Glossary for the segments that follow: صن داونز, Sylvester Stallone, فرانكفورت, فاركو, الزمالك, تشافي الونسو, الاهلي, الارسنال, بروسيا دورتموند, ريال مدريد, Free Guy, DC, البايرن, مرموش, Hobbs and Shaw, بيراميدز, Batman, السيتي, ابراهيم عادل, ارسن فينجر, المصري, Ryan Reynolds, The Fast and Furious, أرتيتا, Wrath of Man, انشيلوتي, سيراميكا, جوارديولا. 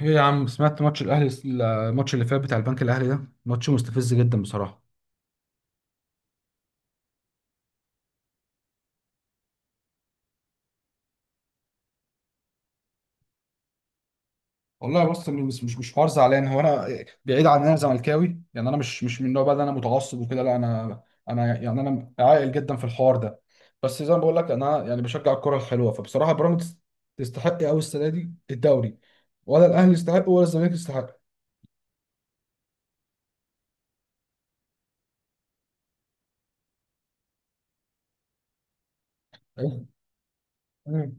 ايه يا عم، سمعت ماتش الاهلي؟ الماتش اللي فات بتاع البنك الاهلي ده ماتش مستفز جدا بصراحه. والله بص، مش حوار زعلان. هو انا بعيد عن إن انا زملكاوي، يعني انا مش من النوع بقى اللي انا متعصب وكده. لا، انا يعني انا عاقل جدا في الحوار ده. بس زي ما بقول لك، انا يعني بشجع الكره الحلوه، فبصراحه بيراميدز تستحق قوي السنه دي الدوري، ولا الاهلي يستحق، ولا الزمالك يستحق. ايوه،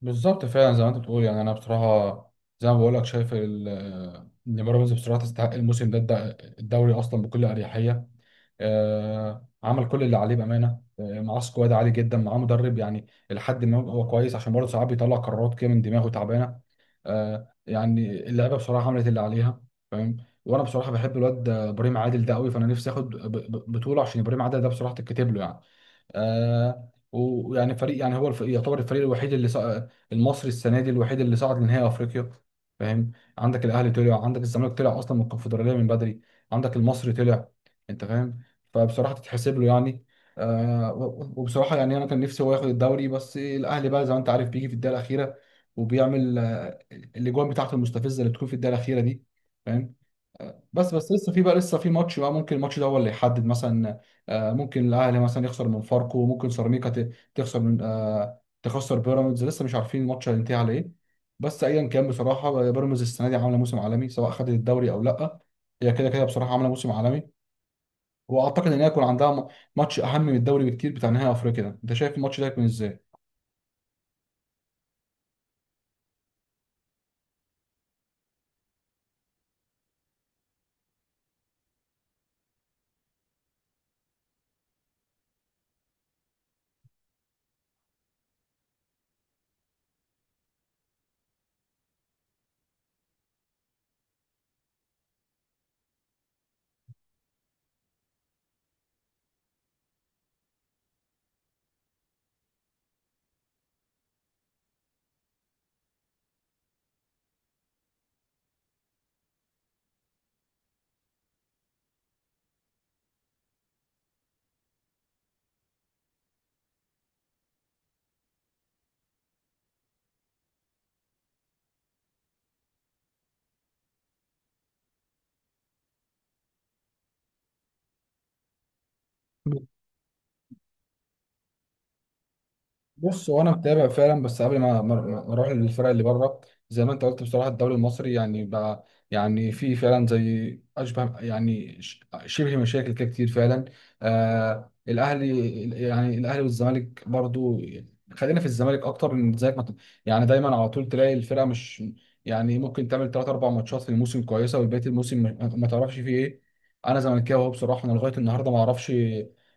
بالظبط، فعلا زي ما انت بتقول. يعني انا بصراحه زي ما بقول لك شايف ان بيراميدز بصراحه تستحق الموسم ده الدوري اصلا بكل اريحيه. عمل كل اللي عليه بامانه. معاه سكواد عالي جدا، معاه مدرب يعني لحد ما هو كويس، عشان برضه ساعات بيطلع قرارات كده من دماغه تعبانه. يعني اللعيبه بصراحه عملت اللي عليها. فاهم. وانا بصراحه بحب الواد ابراهيم عادل ده قوي، فانا نفسي اخد بطوله عشان ابراهيم عادل ده بصراحه تتكتب له يعني. ويعني فريق، يعني هو يعتبر الفريق الوحيد اللي المصري السنه دي الوحيد اللي صعد لنهائي افريقيا. فاهم. عندك الاهلي طلع، عندك الزمالك طلع اصلا من الكونفدراليه من بدري، عندك المصري طلع. انت فاهم؟ فبصراحه تتحسب له يعني. وبصراحه يعني انا كان نفسي هو ياخد الدوري، بس الاهلي بقى زي ما انت عارف بيجي في الدقيقه الاخيره وبيعمل الاجوان بتاعته المستفزه اللي بتكون في الدقيقه الاخيره دي. فاهم. بس لسه في بقى، لسه في ماتش بقى ممكن الماتش ده هو اللي يحدد مثلا. ممكن الاهلي مثلا يخسر من فاركو، ممكن سيراميكا تخسر من تخسر بيراميدز، لسه مش عارفين الماتش هينتهي على ايه. بس ايا كان بصراحه بيراميدز السنه دي عامله موسم عالمي، سواء خدت الدوري او لا. هي كده كده بصراحه عامله موسم عالمي. واعتقد ان هي يكون عندها ماتش اهم من الدوري بكتير بتاع نهائي افريقيا ده. انت شايف الماتش ده هيكون ازاي؟ بص، هو انا متابع فعلا، بس قبل ما اروح للفرق اللي بره، زي ما انت قلت بصراحه الدوري المصري يعني بقى، يعني في فعلا زي اشبه، يعني شبه مشاكل كده كتير فعلا. الاهلي، يعني الاهلي والزمالك برضو. خلينا في الزمالك اكتر، من زيك، ما يعني دايما على طول تلاقي الفرقه مش، يعني ممكن تعمل ثلاث اربع ماتشات في الموسم كويسه وبقيه الموسم ما تعرفش فيه ايه. انا زملكاوي أهو بصراحه، انا لغايه النهارده ما اعرفش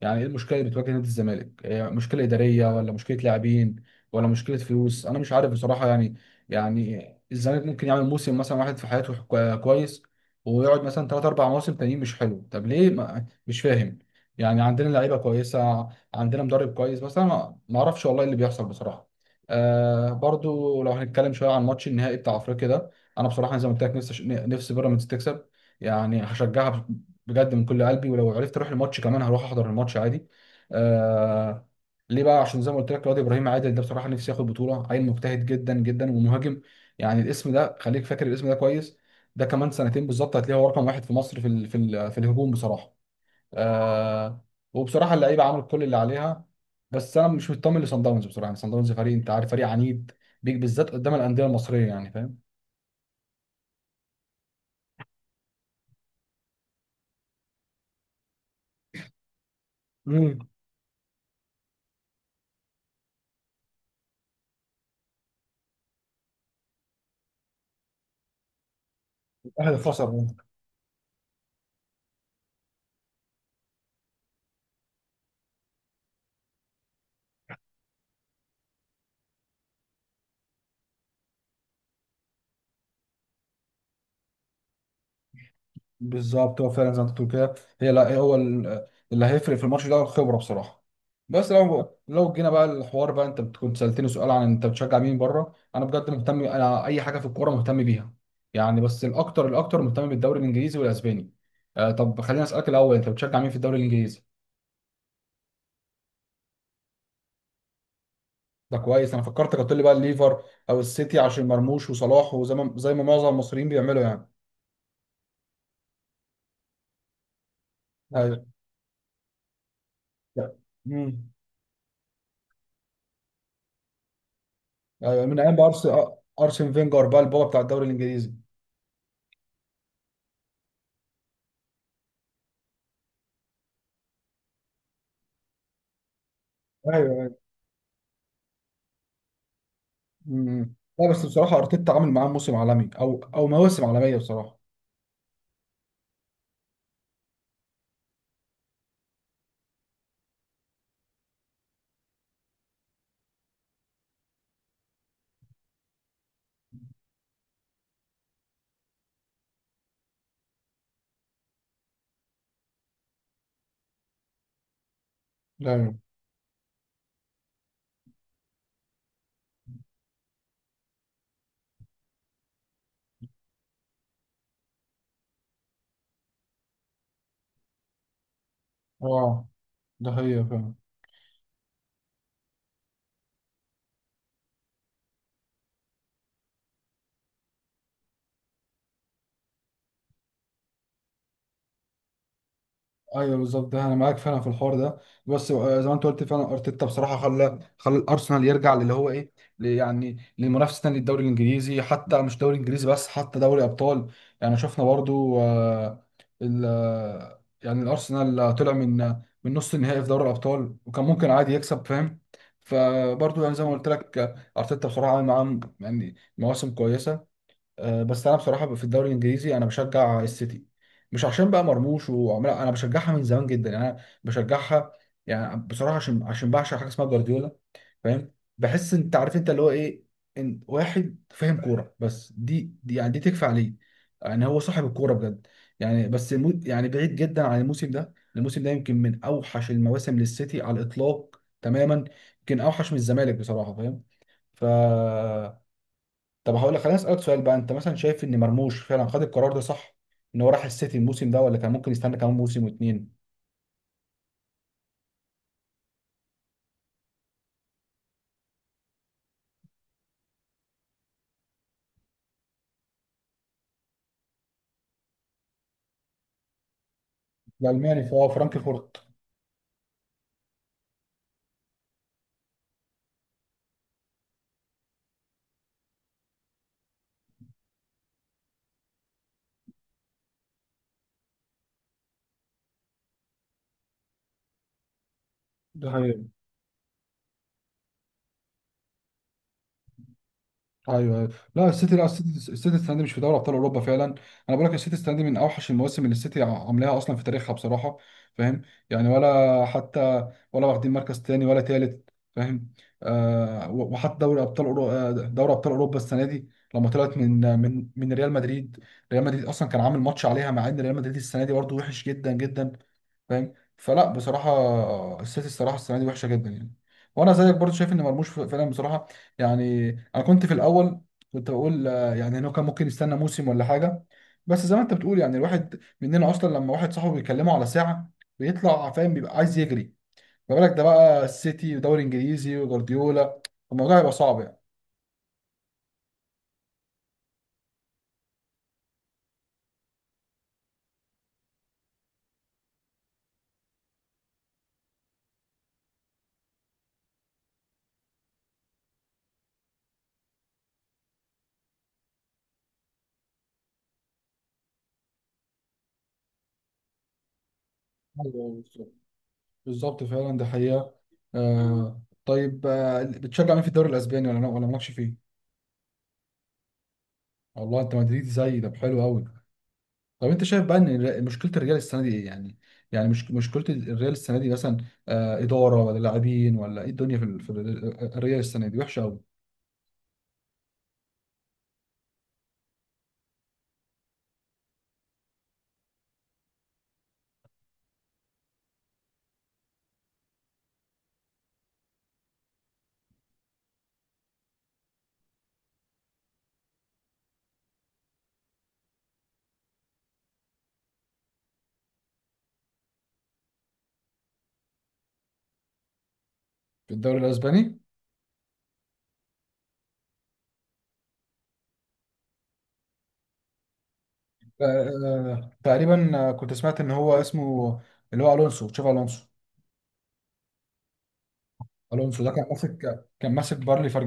يعني ايه المشكله اللي بتواجه نادي الزمالك. إيه؟ مشكله اداريه، ولا مشكله لاعبين، ولا مشكله فلوس؟ انا مش عارف بصراحه يعني. يعني الزمالك ممكن يعمل موسم مثلا واحد في حياته كويس، ويقعد مثلا ثلاث اربع مواسم تانيين مش حلو. طب ليه؟ ما مش فاهم. يعني عندنا لعيبه كويسه، عندنا مدرب كويس، بس انا ما اعرفش والله اللي بيحصل بصراحه. برضو لو هنتكلم شويه عن ماتش النهائي بتاع افريقيا ده، انا بصراحه زي ما قلت لك نفسي بيراميدز تكسب. يعني هشجعها بجد من كل قلبي، ولو عرفت اروح الماتش كمان هروح احضر الماتش عادي. آه ليه بقى؟ عشان زي ما قلت لك، رياض ابراهيم عادل ده بصراحه نفسي ياخد بطوله. عيل مجتهد جدا جدا، ومهاجم. يعني الاسم ده خليك فاكر الاسم ده كويس. ده كمان سنتين بالظبط هتلاقيه هو رقم واحد في مصر، في ال في ال في الهجوم بصراحه. آه وبصراحه اللعيبه عملت كل اللي عليها. بس انا مش مطمن لصن داونز بصراحه. يعني صن داونز فريق، انت عارف، فريق عنيد بيك بالذات قدام الانديه المصريه يعني، فاهم. امم. الاهلي خسر. بالظبط، هو فعلا زي ما انت بتقول كده. هي لا، هو اللي هيفرق في الماتش ده هو الخبره بصراحه. بس لو جينا بقى الحوار بقى، انت كنت سالتني سؤال عن انت بتشجع مين بره. انا بجد مهتم، انا اي حاجه في الكوره مهتم بيها يعني، بس الاكتر مهتم بالدوري الانجليزي والاسباني. طب خليني اسالك الاول، انت بتشجع مين في الدوري الانجليزي؟ ده كويس. انا فكرتك هتقول لي بقى الليفر او السيتي عشان مرموش وصلاح، وزي ما زي ما معظم المصريين بيعملوا يعني. ايوه. امم. ايوه، من ايام بقى ارسن فينجر بقى البابا بتاع الدوري الانجليزي. مم. لا، بس بصراحة أرتيتا عامل معاه موسم عالمي، أو مواسم عالمية بصراحة. دايما. اه، ده هي فعلا. ايوه بالظبط، ده انا معاك فعلا في الحوار ده. بس، زي ما انت قلت فعلا، ارتيتا بصراحه خلى الارسنال يرجع للي هو ايه، يعني لمنافسه تاني للدوري الانجليزي، حتى مش دوري انجليزي بس، حتى دوري ابطال. يعني شفنا برضو، ال آه، يعني الارسنال طلع من نص النهائي في دوري الابطال، وكان ممكن عادي يكسب. فاهم. فبرضو يعني زي ما قلت لك، ارتيتا بصراحه عامل معاهم يعني مواسم كويسه. بس انا بصراحه في الدوري الانجليزي انا بشجع السيتي. مش عشان بقى مرموش وعمال، انا بشجعها من زمان جدا يعني، انا بشجعها يعني بصراحه عشان بعشق حاجه اسمها جوارديولا. فاهم. بحس انت عارف انت اللي هو ايه، ان واحد فاهم كوره بس، دي يعني دي تكفي عليه. يعني هو صاحب الكوره بجد. يعني بس يعني بعيد جدا عن الموسم ده، الموسم ده يمكن من اوحش المواسم للسيتي على الاطلاق تماما، يمكن اوحش من الزمالك بصراحه. فاهم. ف طب هقول لك، خليني اسالك سؤال بقى. انت مثلا شايف ان مرموش فعلا خد القرار ده صح؟ ان هو راح السيتي الموسم ده، ولا كان ممكن يستنى كمان موسم واتنين. الالماني، فهو فرانكفورت. ده حقيقة. ايوه ايوه، لا، السيتي السنه دي مش في دوري ابطال اوروبا فعلا. انا بقول لك السيتي السنه دي من اوحش المواسم اللي السيتي عاملاها اصلا في تاريخها بصراحه. فاهم. يعني ولا حتى ولا واخدين مركز تاني ولا تالت. فاهم. وحتى دوري ابطال اوروبا السنه دي لما طلعت من ريال مدريد. ريال مدريد اصلا كان عامل ماتش عليها، مع ان ريال مدريد السنه دي برضه وحش جدا جدا. فاهم. فلا بصراحه السيتي، الصراحه السنه دي وحشه جدا يعني. وانا زيك برضو شايف ان مرموش فعلا بصراحه. يعني انا كنت في الاول كنت بقول يعني انه كان ممكن يستنى موسم ولا حاجه، بس زي ما انت بتقول يعني الواحد مننا اصلا لما واحد صاحبه بيكلمه على ساعه بيطلع فاهم بيبقى عايز يجري. ما بالك ده بقى السيتي ودوري انجليزي وجوارديولا؟ الموضوع هيبقى صعب يعني. ايوه بالظبط، بالظبط فعلا، ده حقيقه. طيب، بتشجع مين في الدوري الاسباني، ولا مالكش فيه؟ والله انت مدريدي زي ده حلو قوي. طب انت شايف بقى ان مشكله الريال السنه دي ايه يعني؟ يعني مش مشكله الريال السنه دي مثلا اداره، ولا لاعبين، ولا ايه؟ الدنيا في ال- في ال- آه، الريال السنه دي وحشه قوي في الدوري الاسباني. آه تقريبا كنت سمعت ان هو اسمه اللي هو الونسو، تشافي الونسو. الونسو ده كان ماسك باير ليفر،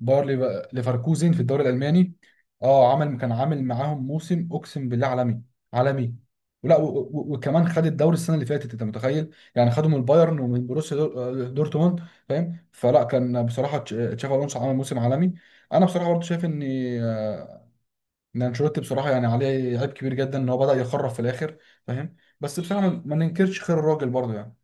ليفركوزن في الدوري الالماني. اه، كان عامل معاهم موسم اقسم بالله عالمي. عالمي. ولا وكمان خد الدوري السنه اللي فاتت، انت متخيل؟ يعني خده من البايرن ومن بروسيا دورتموند. فاهم. فلا كان بصراحه تشافي الونسو عمل موسم عالمي. انا بصراحه برضه شايف آه، ان انشيلوتي بصراحه يعني عليه عيب كبير جدا ان هو بدا يخرف في الاخر. فاهم. بس بصراحه ما ننكرش خير الراجل برضه يعني.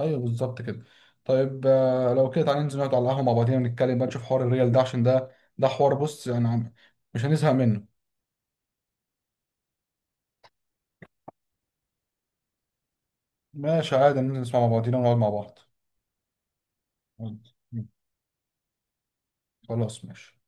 ايوه بالظبط كده. طيب، لو كده تعالى ننزل نقعد على القهوه مع بعضينا، نتكلم بقى، نشوف حوار الريال ده، عشان ده ده حوار. بص يعني مش هنزهق منه. ماشي، عادي ننزل نسمع مع بعضينا ونقعد مع بعض. خلاص ماشي.